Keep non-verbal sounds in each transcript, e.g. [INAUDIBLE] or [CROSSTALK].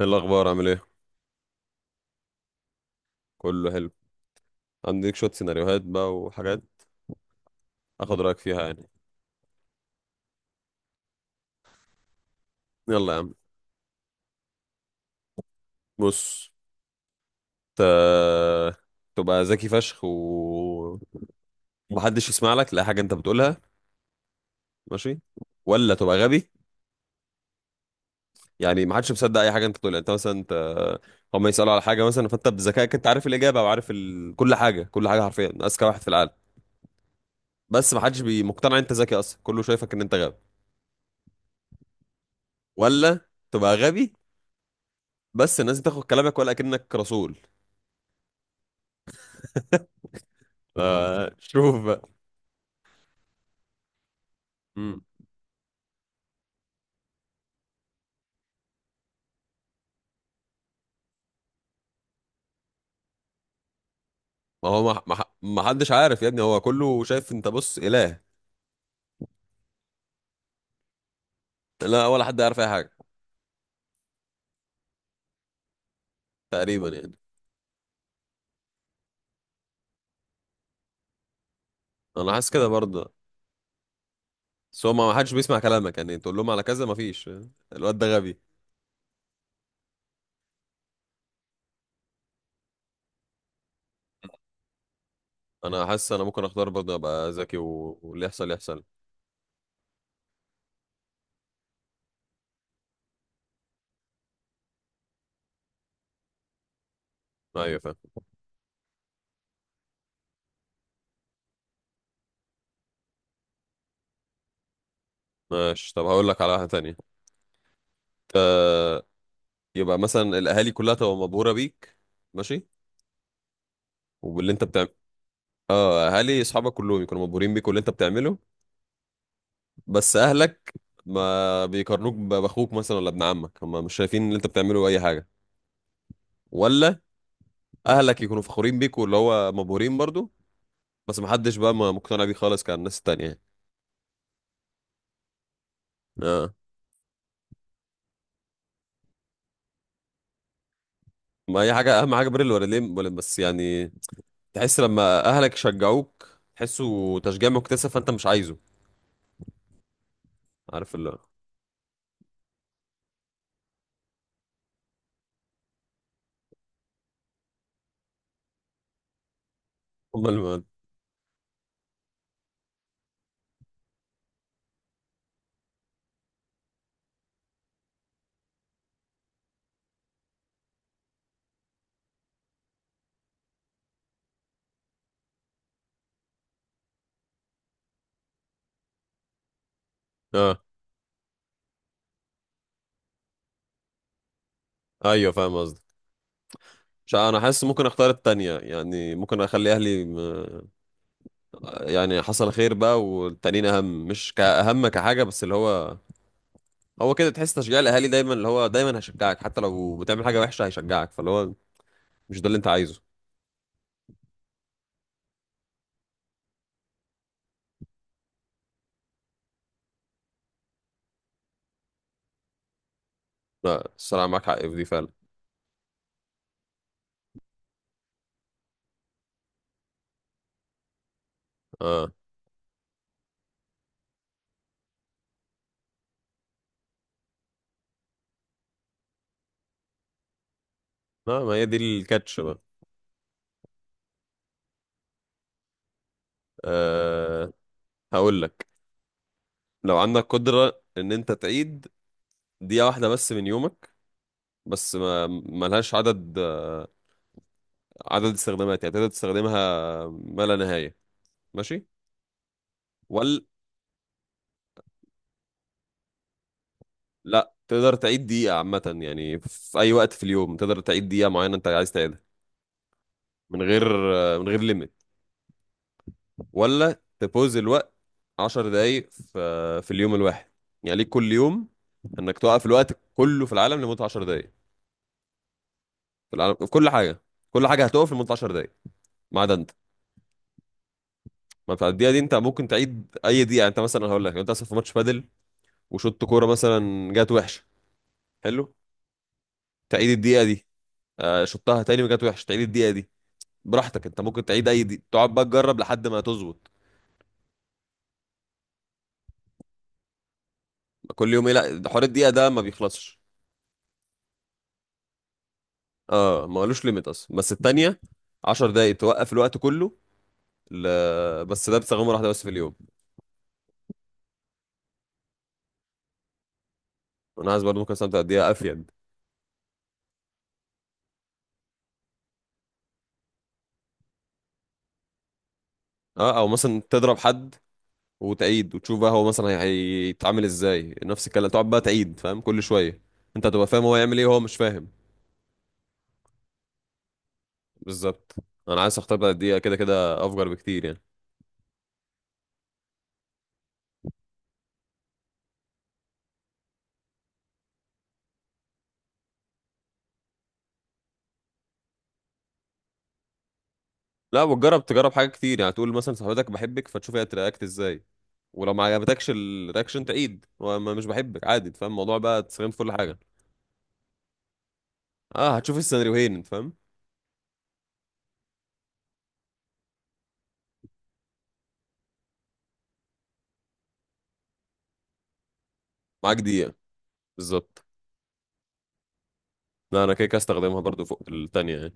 ايه الاخبار عامل ايه؟ كله حلو. عندك شويه سيناريوهات بقى وحاجات اخد رايك فيها يعني. يلا يا عم. بص، ت... تبقى ذكي فشخ و- ومحدش يسمع لك لا حاجه انت بتقولها، ماشي، ولا تبقى غبي؟ يعني محدش مصدق اي حاجه انت بتقولها. انت مثلا، هم يسالوا على حاجه مثلا، فانت بذكائك انت عارف الاجابه وعارف كل حاجه، كل حاجه حرفيا اذكى واحد في العالم. بس محدش مقتنع انت ذكي اصلا، كله شايفك ان انت غبي. ولا تبقى غبي بس الناس بتاخد كلامك ولا كأنك رسول. آه شوف. مم. ما هو ما حدش عارف يا ابني، هو كله شايف انت بص اله. لا ولا حد عارف اي حاجه. تقريبا يعني. انا حاسس كده برضه. بس هو ما حدش بيسمع كلامك يعني، تقول لهم على كذا ما فيش، الواد ده غبي. انا حاسس انا ممكن اختار برضه ابقى ذكي و- واللي يحصل يحصل. ايوه فاهم. ماشي، طب هقول لك على واحده تانية. ت- يبقى مثلا الاهالي كلها تبقى مبهوره بيك، ماشي، وباللي انت بتعمل. اه، اهالي اصحابك كلهم يكونوا مبهورين بيك واللي انت بتعمله، بس اهلك ما بيقارنوك ب- باخوك مثلا ولا ابن عمك، هم مش شايفين ان انت بتعمله اي حاجه. ولا اهلك يكونوا فخورين بيك واللي هو مبهورين برضو، بس محدش بقى ما مقتنع بيه خالص، كان الناس التانية يعني. اه. ما هي حاجه، اهم حاجه بر الوالدين ولا- بس يعني تحس لما اهلك يشجعوك تحسه تشجيع مكتسب، فانت مش عايزه. عارف اللي هو هم الم... اه ايوه فاهم قصدك. مش ع- انا حاسس ممكن اختار التانية يعني، ممكن اخلي اهلي يعني حصل خير بقى، والتانيين اهم، مش كأهم كحاجه، بس اللي هو هو كده تحس تشجيع الاهالي دايما، اللي هو دايما هيشجعك حتى لو بتعمل حاجه وحشه هيشجعك، فاللي هو مش ده اللي انت عايزه. لا الصراحه معاك حق في دي فعلا. اه. لا ما هي دي الكاتش بقى. آه، هقول لك، لو عندك قدره ان انت تعيد دقيقه واحده بس من يومك، بس ما ملهاش عدد، عدد استخدامات يعني تقدر تستخدمها، ما لا نهايه، ماشي، ولا لا تقدر تعيد دقيقة عامة يعني في أي وقت في اليوم تقدر تعيد دقيقة معينة أنت عايز تعيدها، من غير من غير ليميت، ولا تبوز الوقت؟ عشر دقايق في اليوم الواحد يعني، ليك كل يوم إنك توقف الوقت كله في العالم لمدة عشر دقايق. في العالم، في كل حاجة، كل حاجة هتقف لمدة عشر دقايق ما عدا أنت. ما في الدقيقة دي أنت ممكن تعيد أي دقيقة يعني. أنت مثلا هقول لك، لو أنت أصلا في ماتش بادل وشوط كورة مثلا جات وحشة، حلو، تعيد الدقيقة دي. آه، شطها تاني وجات وحشة، تعيد الدقيقة دي براحتك. انت ممكن تعيد اي دي، تقعد بقى تجرب لحد ما تظبط. كل يوم ايه؟ لا ده حوار الدقيقه ده ما بيخلصش. اه ما قالوش ليميت اصلا. بس التانية، 10 دقايق توقف الوقت كله، ل... بس ده بتستخدمه واحده بس في اليوم. انا عايز برضه ممكن استمتع قد افيد. اه، او مثلا تضرب حد وتعيد وتشوف بقى، هو مثلا هيتعامل ازاي. نفس الكلام، تقعد بقى تعيد فاهم كل شويه، انت هتبقى فاهم هو يعمل ايه وهو مش فاهم. بالظبط، انا عايز اختار بقى الدقيقه، كده كده افجر بكتير يعني. لا وتجرب، تجرب حاجات كتير يعني، تقول مثلا صاحبتك بحبك فتشوف هي ترياكت ازاي، ولو ما عجبتكش الرياكشن تعيد وما مش بحبك عادي. أنت فاهم الموضوع بقى، تستخدم في كل حاجه. اه هتشوف السيناريوهين، أنت فاهم، معاك دقيقه. بالظبط. لا انا كده كده استخدمها برضو فوق التانية يعني.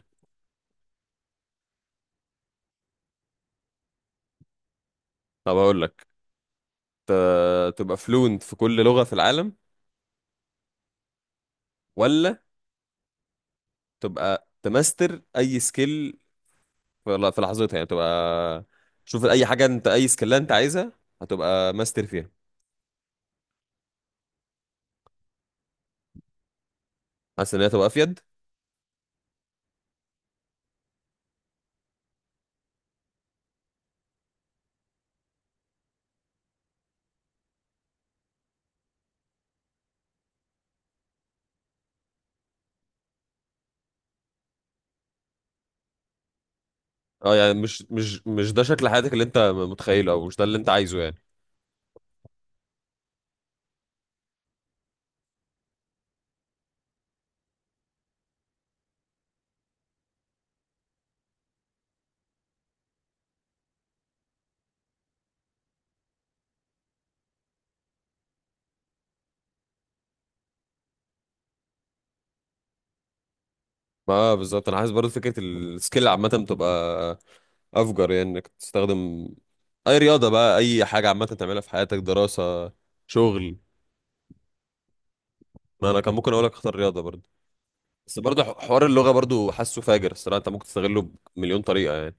طب هقول لك، تبقى فلوينت في كل لغه في العالم، ولا تبقى تماستر اي سكيل في في لحظتها يعني. تبقى، شوف اي حاجه انت، اي سكيل انت عايزها هتبقى ماستر فيها. حاسس ان هي تبقى افيد. اه يعني مش ده شكل حياتك اللي انت متخيله، او مش ده اللي انت عايزه يعني. ما اه بالظبط، انا عايز برضه فكره السكيل عامه تبقى افجر يعني، انك تستخدم اي رياضه بقى، اي حاجه عامه تعملها في حياتك، دراسه، شغل. ما انا كان ممكن اقول لك اختار رياضه برضه، بس برضه حوار اللغه برضه حاسه فاجر الصراحه، انت ممكن تستغله بمليون طريقه يعني.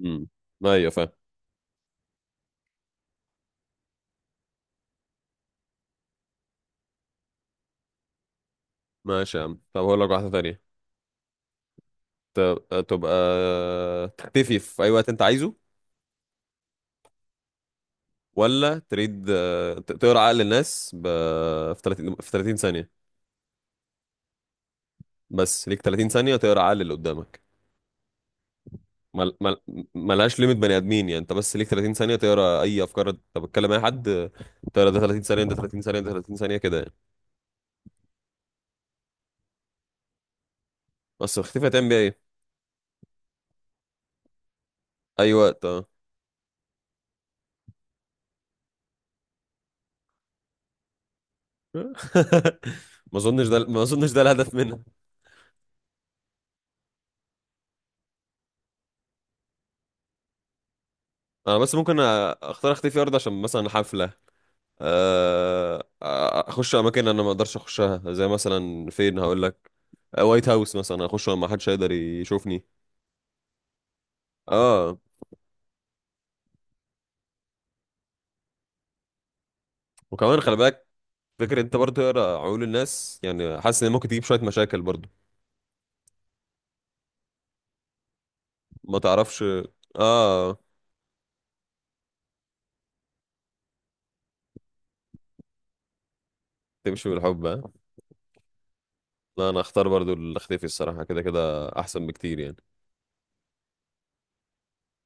امم، ايوه فاهم. ماشي يا عم، طب هقول لك واحده تانية. تبقى تختفي في اي وقت انت عايزه، ولا تريد آه، تقرا عقل الناس في 30، في 30 ثانية. بس ليك 30 ثانية تقرا عقل اللي قدامك. مل... مل... ملهاش ليميت، بني ادمين يعني، انت بس ليك 30 ثانية تقرا اي افكار، انت بتكلم اي حد آه، تقرا ده 30 ثانية، ده 30 ثانية، ده 30 ثانية، كده يعني. بس اختفي هتعمل بيها ايه؟ اي وقت اه. [LAUGHS] ما اظنش ده، ما اظنش ده الهدف منها. انا بس ممكن اختار اختفي ارض، عشان مثلا حفلة، آه، اخش اماكن انا ما اقدرش اخشها، زي مثلا فين هقول لك، وايت هاوس مثلا، اخش وما حدش هيقدر يشوفني. اه، وكمان خلي بالك، فكرة انت برضه تقرا عقول الناس يعني حاسس ان ممكن تجيب شوية مشاكل برضه، ما تعرفش. اه. تمشي بالحب، ها؟ لا انا اختار برضه اللي اختفي الصراحة، كده كده احسن بكتير يعني.